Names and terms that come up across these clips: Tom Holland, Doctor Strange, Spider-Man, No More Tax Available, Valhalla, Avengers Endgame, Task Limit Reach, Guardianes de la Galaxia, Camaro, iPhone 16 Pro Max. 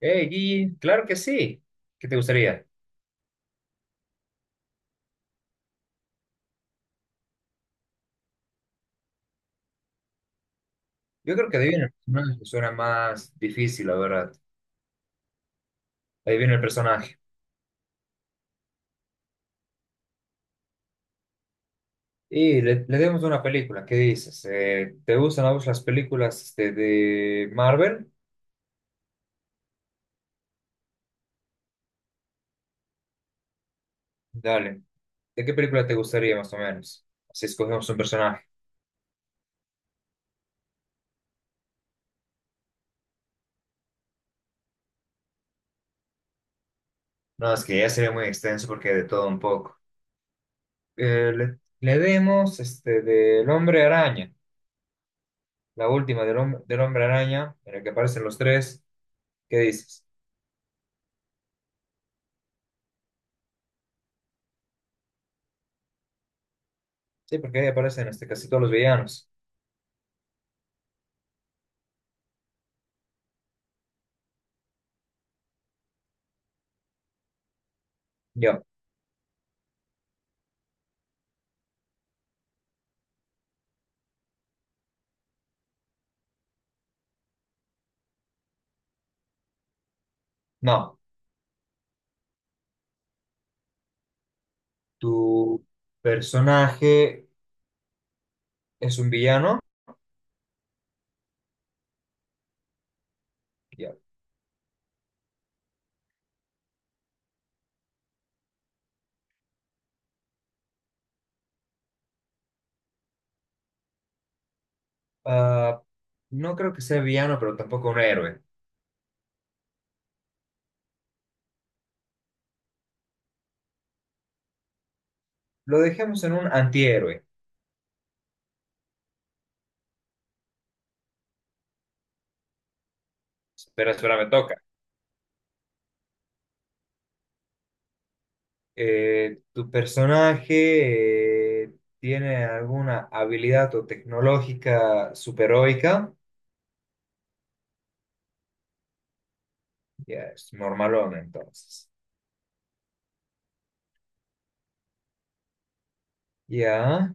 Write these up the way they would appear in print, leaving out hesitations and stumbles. Hey, Gigi, claro que sí. ¿Qué te gustaría? Yo creo que adivina el personaje suena más difícil, la verdad. Adivina el personaje. Y le demos una película, ¿qué dices? ¿Te gustan a vos las películas este, de Marvel? Dale. ¿De qué película te gustaría más o menos? Así escogemos un personaje. No, es que ya sería muy extenso porque de todo un poco. Le demos este, del Hombre Araña, la última del Hombre Araña, en la que aparecen los tres. ¿Qué dices? Sí, porque ahí aparecen este, casi todos los villanos. Yo, no. Tu personaje es un villano. Yo, ah, no creo que sea villano, pero tampoco un héroe. Lo dejemos en un antihéroe. Espera, espera, me toca. ¿Tu personaje tiene alguna habilidad o tecnológica superheroica? Ya, es normalón entonces. Ya,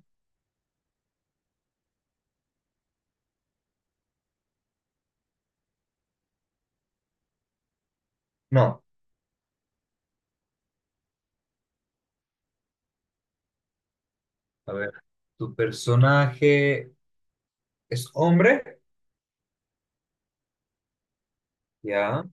no. A ver, ¿tu personaje es hombre? Ya.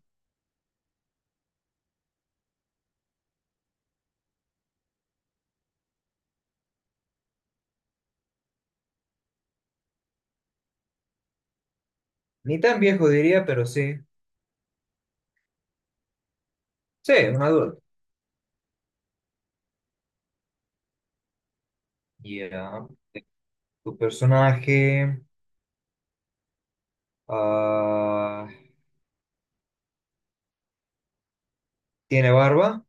Ni tan viejo diría, pero sí. Sí, un adulto. Ya. ¿Tu personaje ah, tiene barba?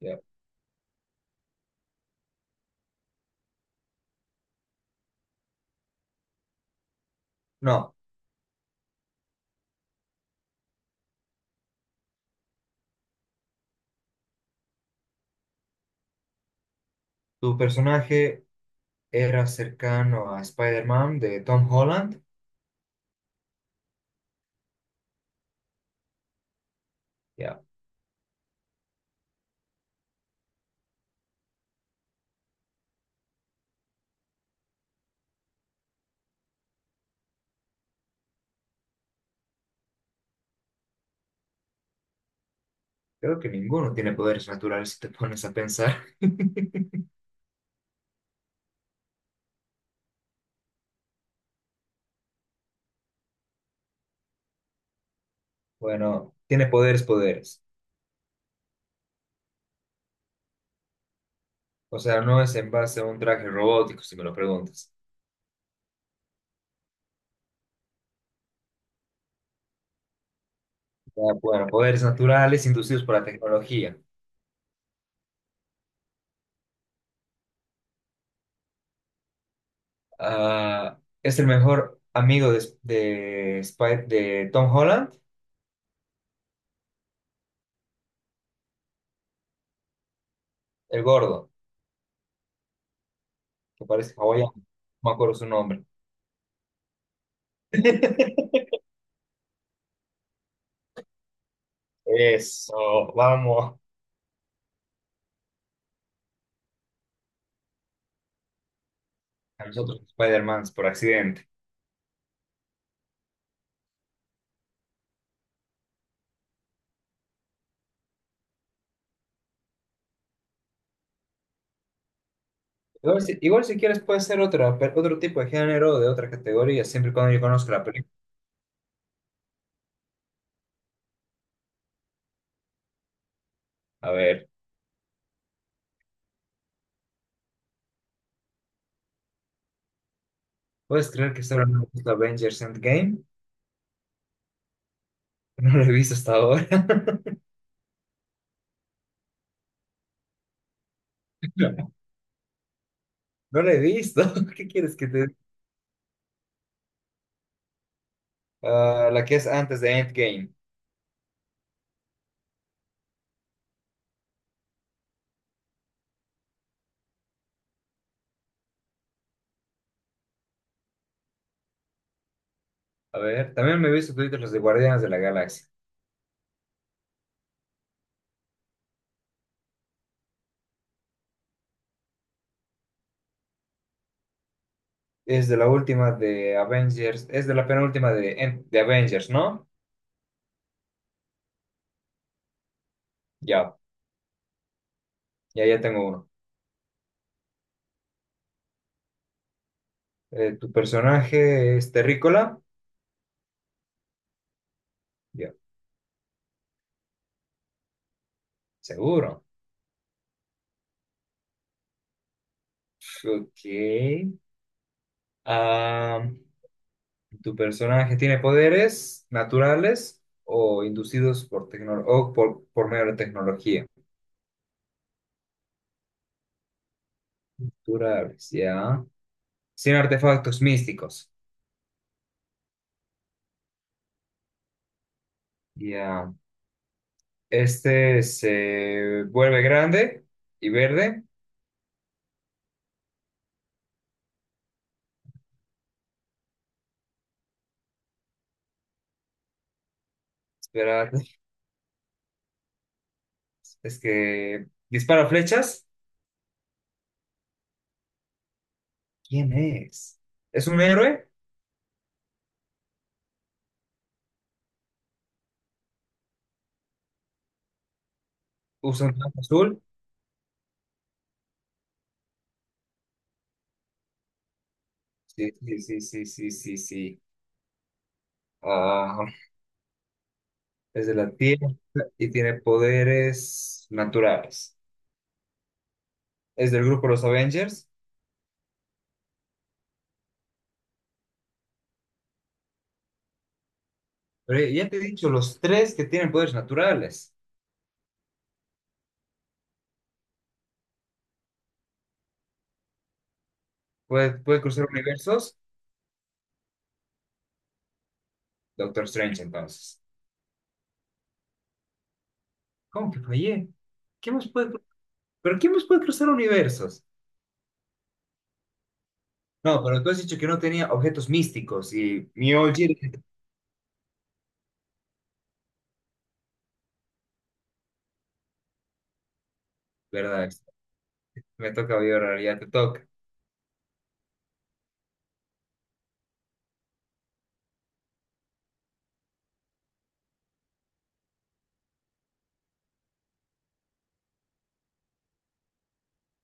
Ya. No. ¿Tu personaje era cercano a Spider-Man de Tom Holland? Ya. Creo que ninguno tiene poderes naturales si te pones a pensar. Bueno, tiene poderes, poderes. O sea, no es en base a un traje robótico, si me lo preguntas. Ya, bueno, poderes naturales inducidos por la tecnología. Ah, es el mejor amigo de Tom Holland, el gordo, que parece hawaiano, no me acuerdo su nombre. Eso, vamos. A nosotros Spider-Man por accidente. Igual si quieres puede ser otra, pe- otro tipo de género, o de otra categoría, siempre y cuando yo conozca la película. A ver, ¿puedes creer que estoy hablando de Avengers Endgame? No lo he visto hasta ahora. No lo he visto. ¿Qué quieres que te... Ah, la que es antes de Endgame. A ver, también me he visto toditos los de Guardianes de la Galaxia. Es de la última de Avengers, es de la penúltima de Avengers, ¿no? Ya, ya tengo uno. ¿Tu personaje es terrícola? Ya, seguro. Ok. Ah, ¿tu personaje tiene poderes naturales o inducidos o por medio de tecnología? Naturales, ya. Sin artefactos místicos. Ya. Este se vuelve grande y verde. Espera, es que dispara flechas. ¿Quién es? ¿Es un héroe? ¿Usa un traje azul? Sí, sí, sí, sí, sí, sí, sí. Ah, es de la Tierra y tiene poderes naturales. Es del grupo Los Avengers. Pero ya te he dicho, los tres que tienen poderes naturales. Puede cruzar universos. Doctor Strange, entonces. ¿Cómo que fallé? ¿Qué más puede, cru- ¿pero quién más puede cruzar universos? No, pero tú has dicho que no tenía objetos místicos y mi Oji, ¿verdad? Me toca vibrar, ya te toca.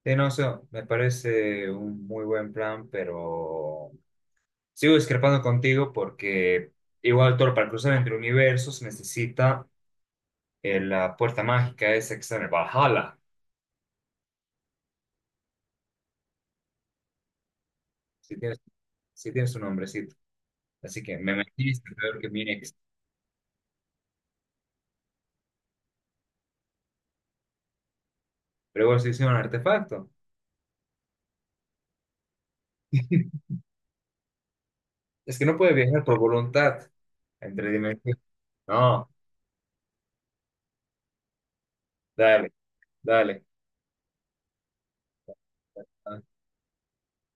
Sí, no, sé, me parece un muy buen plan, pero sigo discrepando contigo porque igual todo para cruzar entre universos necesita la puerta mágica esa que está en el Valhalla, si tienes, si tienes un nombrecito. Así que me metiste peor que mi ex, pero igual se hizo un artefacto. Es que no puede viajar por voluntad entre dimensiones. No, dale, dale. Ah,